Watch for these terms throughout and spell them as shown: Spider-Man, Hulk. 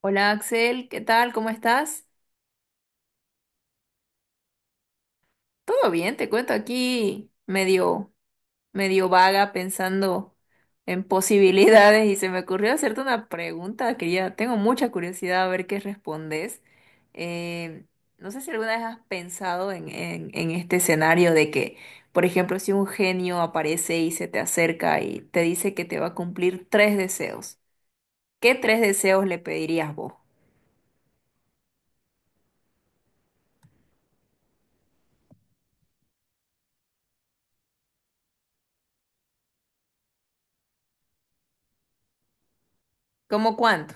Hola Axel, ¿qué tal? ¿Cómo estás? Todo bien, te cuento aquí medio vaga pensando en posibilidades y se me ocurrió hacerte una pregunta que ya tengo mucha curiosidad a ver qué respondes. Eh, no sé si alguna vez has pensado en este escenario de que, por ejemplo, si un genio aparece y se te acerca y te dice que te va a cumplir tres deseos, ¿qué tres deseos le pedirías vos? ¿Cómo cuánto?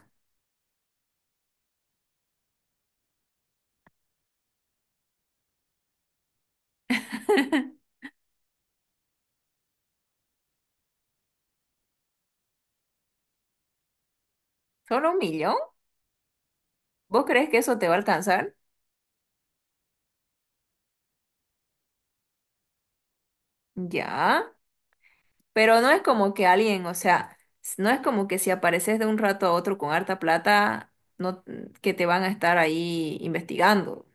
¿Solo un millón? ¿Vos crees que eso te va a alcanzar? Ya, pero no es como que alguien, o sea, no es como que si apareces de un rato a otro con harta plata, no, que te van a estar ahí investigando.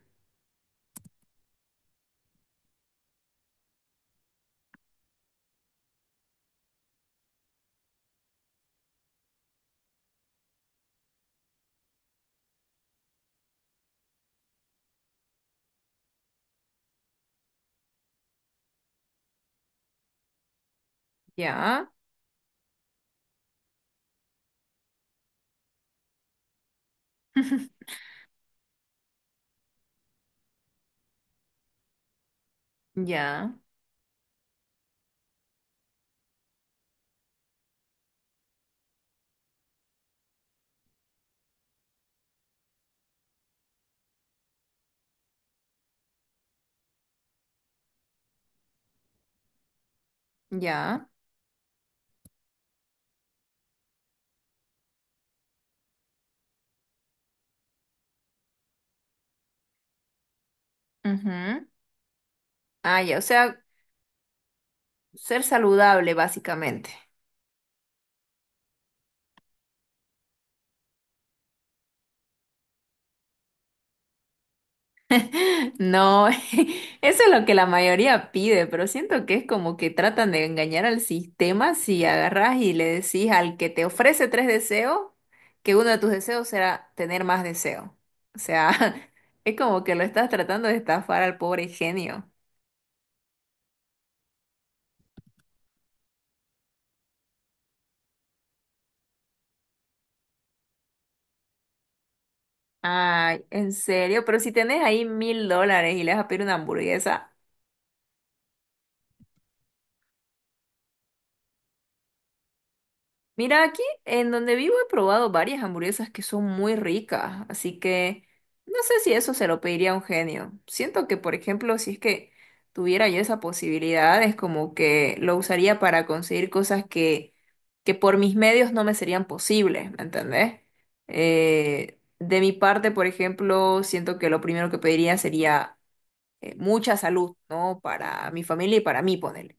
Ya, ya, ya. Ujú. Ah, ya, o sea, ser saludable básicamente. No, eso es lo que la mayoría pide, pero siento que es como que tratan de engañar al sistema si agarras y le decís al que te ofrece tres deseos que uno de tus deseos será tener más deseo. O sea, es como que lo estás tratando de estafar al pobre genio. Ay, en serio, pero si tenés ahí $1.000 y le vas a pedir una hamburguesa. Mira, aquí en donde vivo he probado varias hamburguesas que son muy ricas, así que no sé si eso se lo pediría a un genio. Siento que, por ejemplo, si es que tuviera yo esa posibilidad, es como que lo usaría para conseguir cosas que por mis medios no me serían posibles, ¿me entendés? De mi parte, por ejemplo, siento que lo primero que pediría sería mucha salud, ¿no? Para mi familia y para mí, ponerle.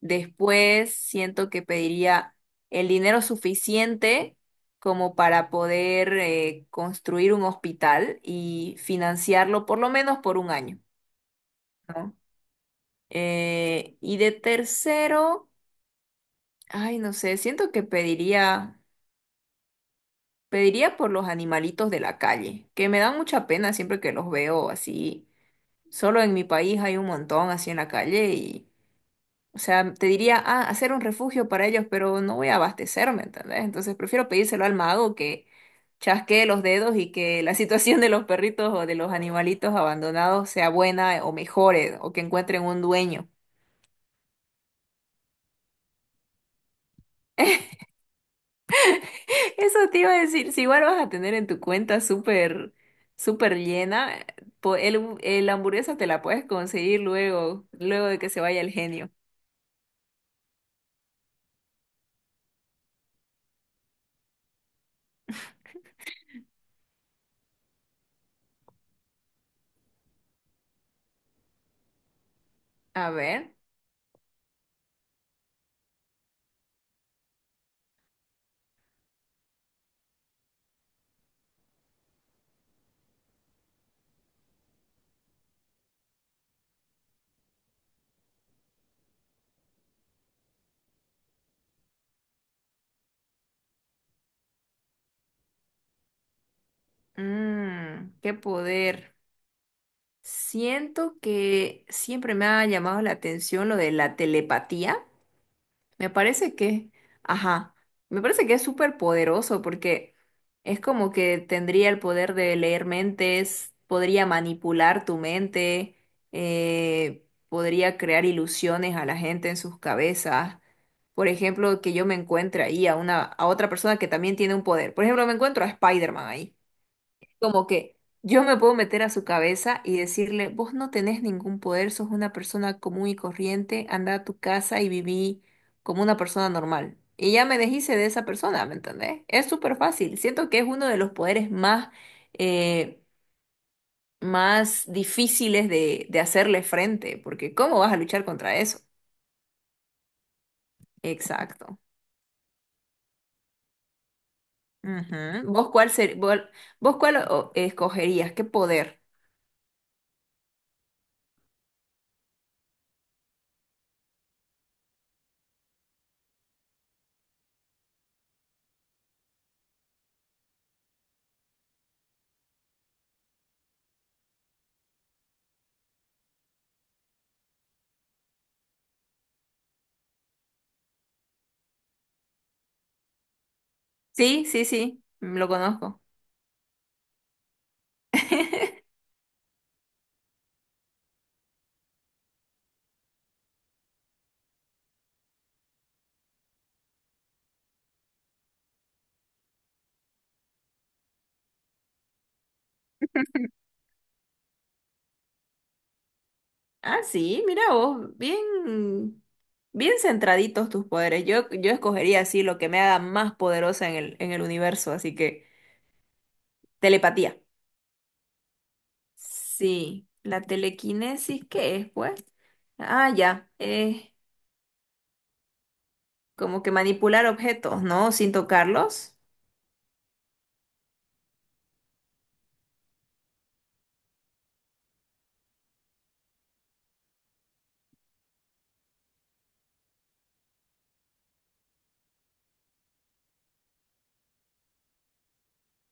Después siento que pediría el dinero suficiente como para poder construir un hospital y financiarlo por lo menos por un año, ¿no? Y de tercero, ay, no sé, siento que pediría por los animalitos de la calle, que me dan mucha pena siempre que los veo así. Solo en mi país hay un montón así en la calle y, o sea, te diría, ah, hacer un refugio para ellos, pero no voy a abastecerme, ¿entendés? Entonces prefiero pedírselo al mago que chasquee los dedos y que la situación de los perritos o de los animalitos abandonados sea buena o mejore o que encuentren un dueño. Eso te iba a decir, si igual vas a tener en tu cuenta súper, súper llena, el hamburguesa te la puedes conseguir luego, luego de que se vaya el genio. A ver, qué poder. Siento que siempre me ha llamado la atención lo de la telepatía. Me parece que, ajá, me parece que es súper poderoso porque es como que tendría el poder de leer mentes, podría manipular tu mente, podría crear ilusiones a la gente en sus cabezas. Por ejemplo, que yo me encuentre ahí a otra persona que también tiene un poder. Por ejemplo, me encuentro a Spider-Man ahí. Como que yo me puedo meter a su cabeza y decirle, vos no tenés ningún poder, sos una persona común y corriente, anda a tu casa y viví como una persona normal. Y ya me deshice de esa persona, ¿me entendés? Es súper fácil. Siento que es uno de los poderes eh, más difíciles de hacerle frente, porque ¿cómo vas a luchar contra eso? Exacto. Ujú. ¿Vos cuál escogerías? ¿Qué poder? Sí, sí, sí, lo conozco. Ah, sí, mira vos, bien, bien centraditos tus poderes. Yo escogería así lo que me haga más poderosa en el universo, así que telepatía. Sí, la telequinesis, ¿qué es, pues? Ah, ya, como que manipular objetos, ¿no? Sin tocarlos.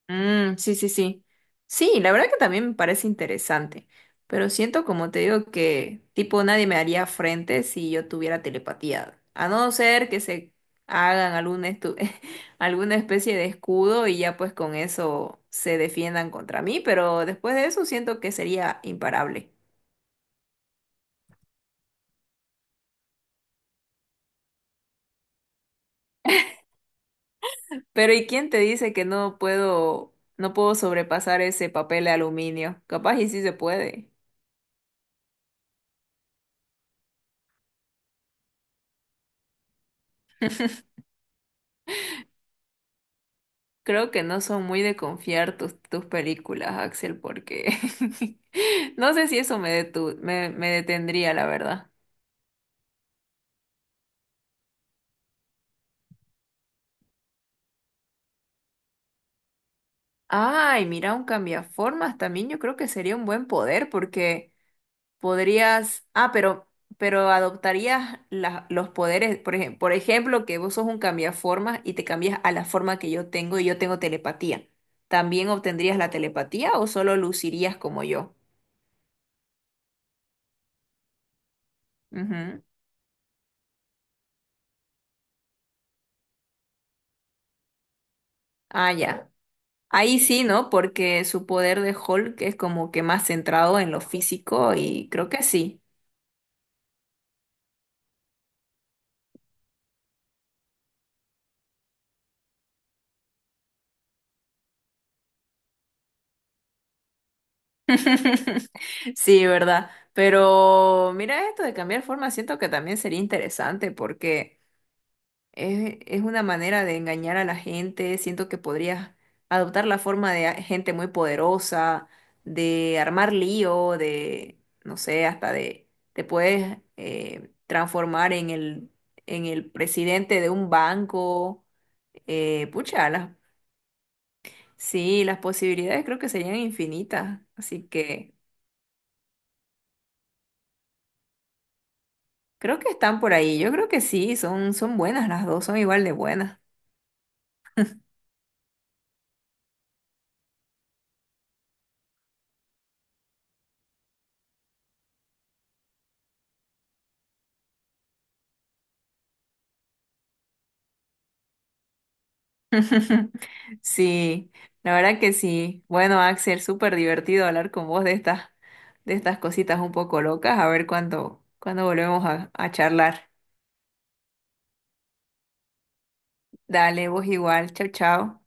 Mm, sí, sí, sí. Sí, la verdad que también me parece interesante, pero siento como te digo que tipo nadie me haría frente si yo tuviera telepatía, a no ser que se hagan algún alguna especie de escudo y ya pues con eso se defiendan contra mí, pero después de eso siento que sería imparable. Pero ¿y quién te dice que no puedo sobrepasar ese papel de aluminio? Capaz y sí se puede. Creo que no son muy de confiar tus películas, Axel, porque no sé si eso me detendría, la verdad. Ay, mira, un cambiaformas también yo creo que sería un buen poder porque podrías, ah, pero adoptarías los poderes, por ejemplo, que vos sos un cambiaformas y te cambias a la forma que yo tengo y yo tengo telepatía. ¿También obtendrías la telepatía o solo lucirías como yo? Ujú. Ah, ya. Ahí sí, ¿no? Porque su poder de Hulk es como que más centrado en lo físico y creo que sí. Sí, ¿verdad? Pero mira esto de cambiar forma, siento que también sería interesante porque... Es una manera de engañar a la gente. Siento que podrías adoptar la forma de gente muy poderosa, de armar lío, de, no sé, hasta de, te puedes transformar en el presidente de un banco. Pucha, sí, las posibilidades creo que serían infinitas. Así que creo que están por ahí. Yo creo que sí, son buenas las dos, son igual de buenas. Sí, la verdad que sí. Bueno, Axel, súper divertido hablar con vos de estas cositas un poco locas. A ver cuándo volvemos a charlar. Dale, vos igual. Chau, chau.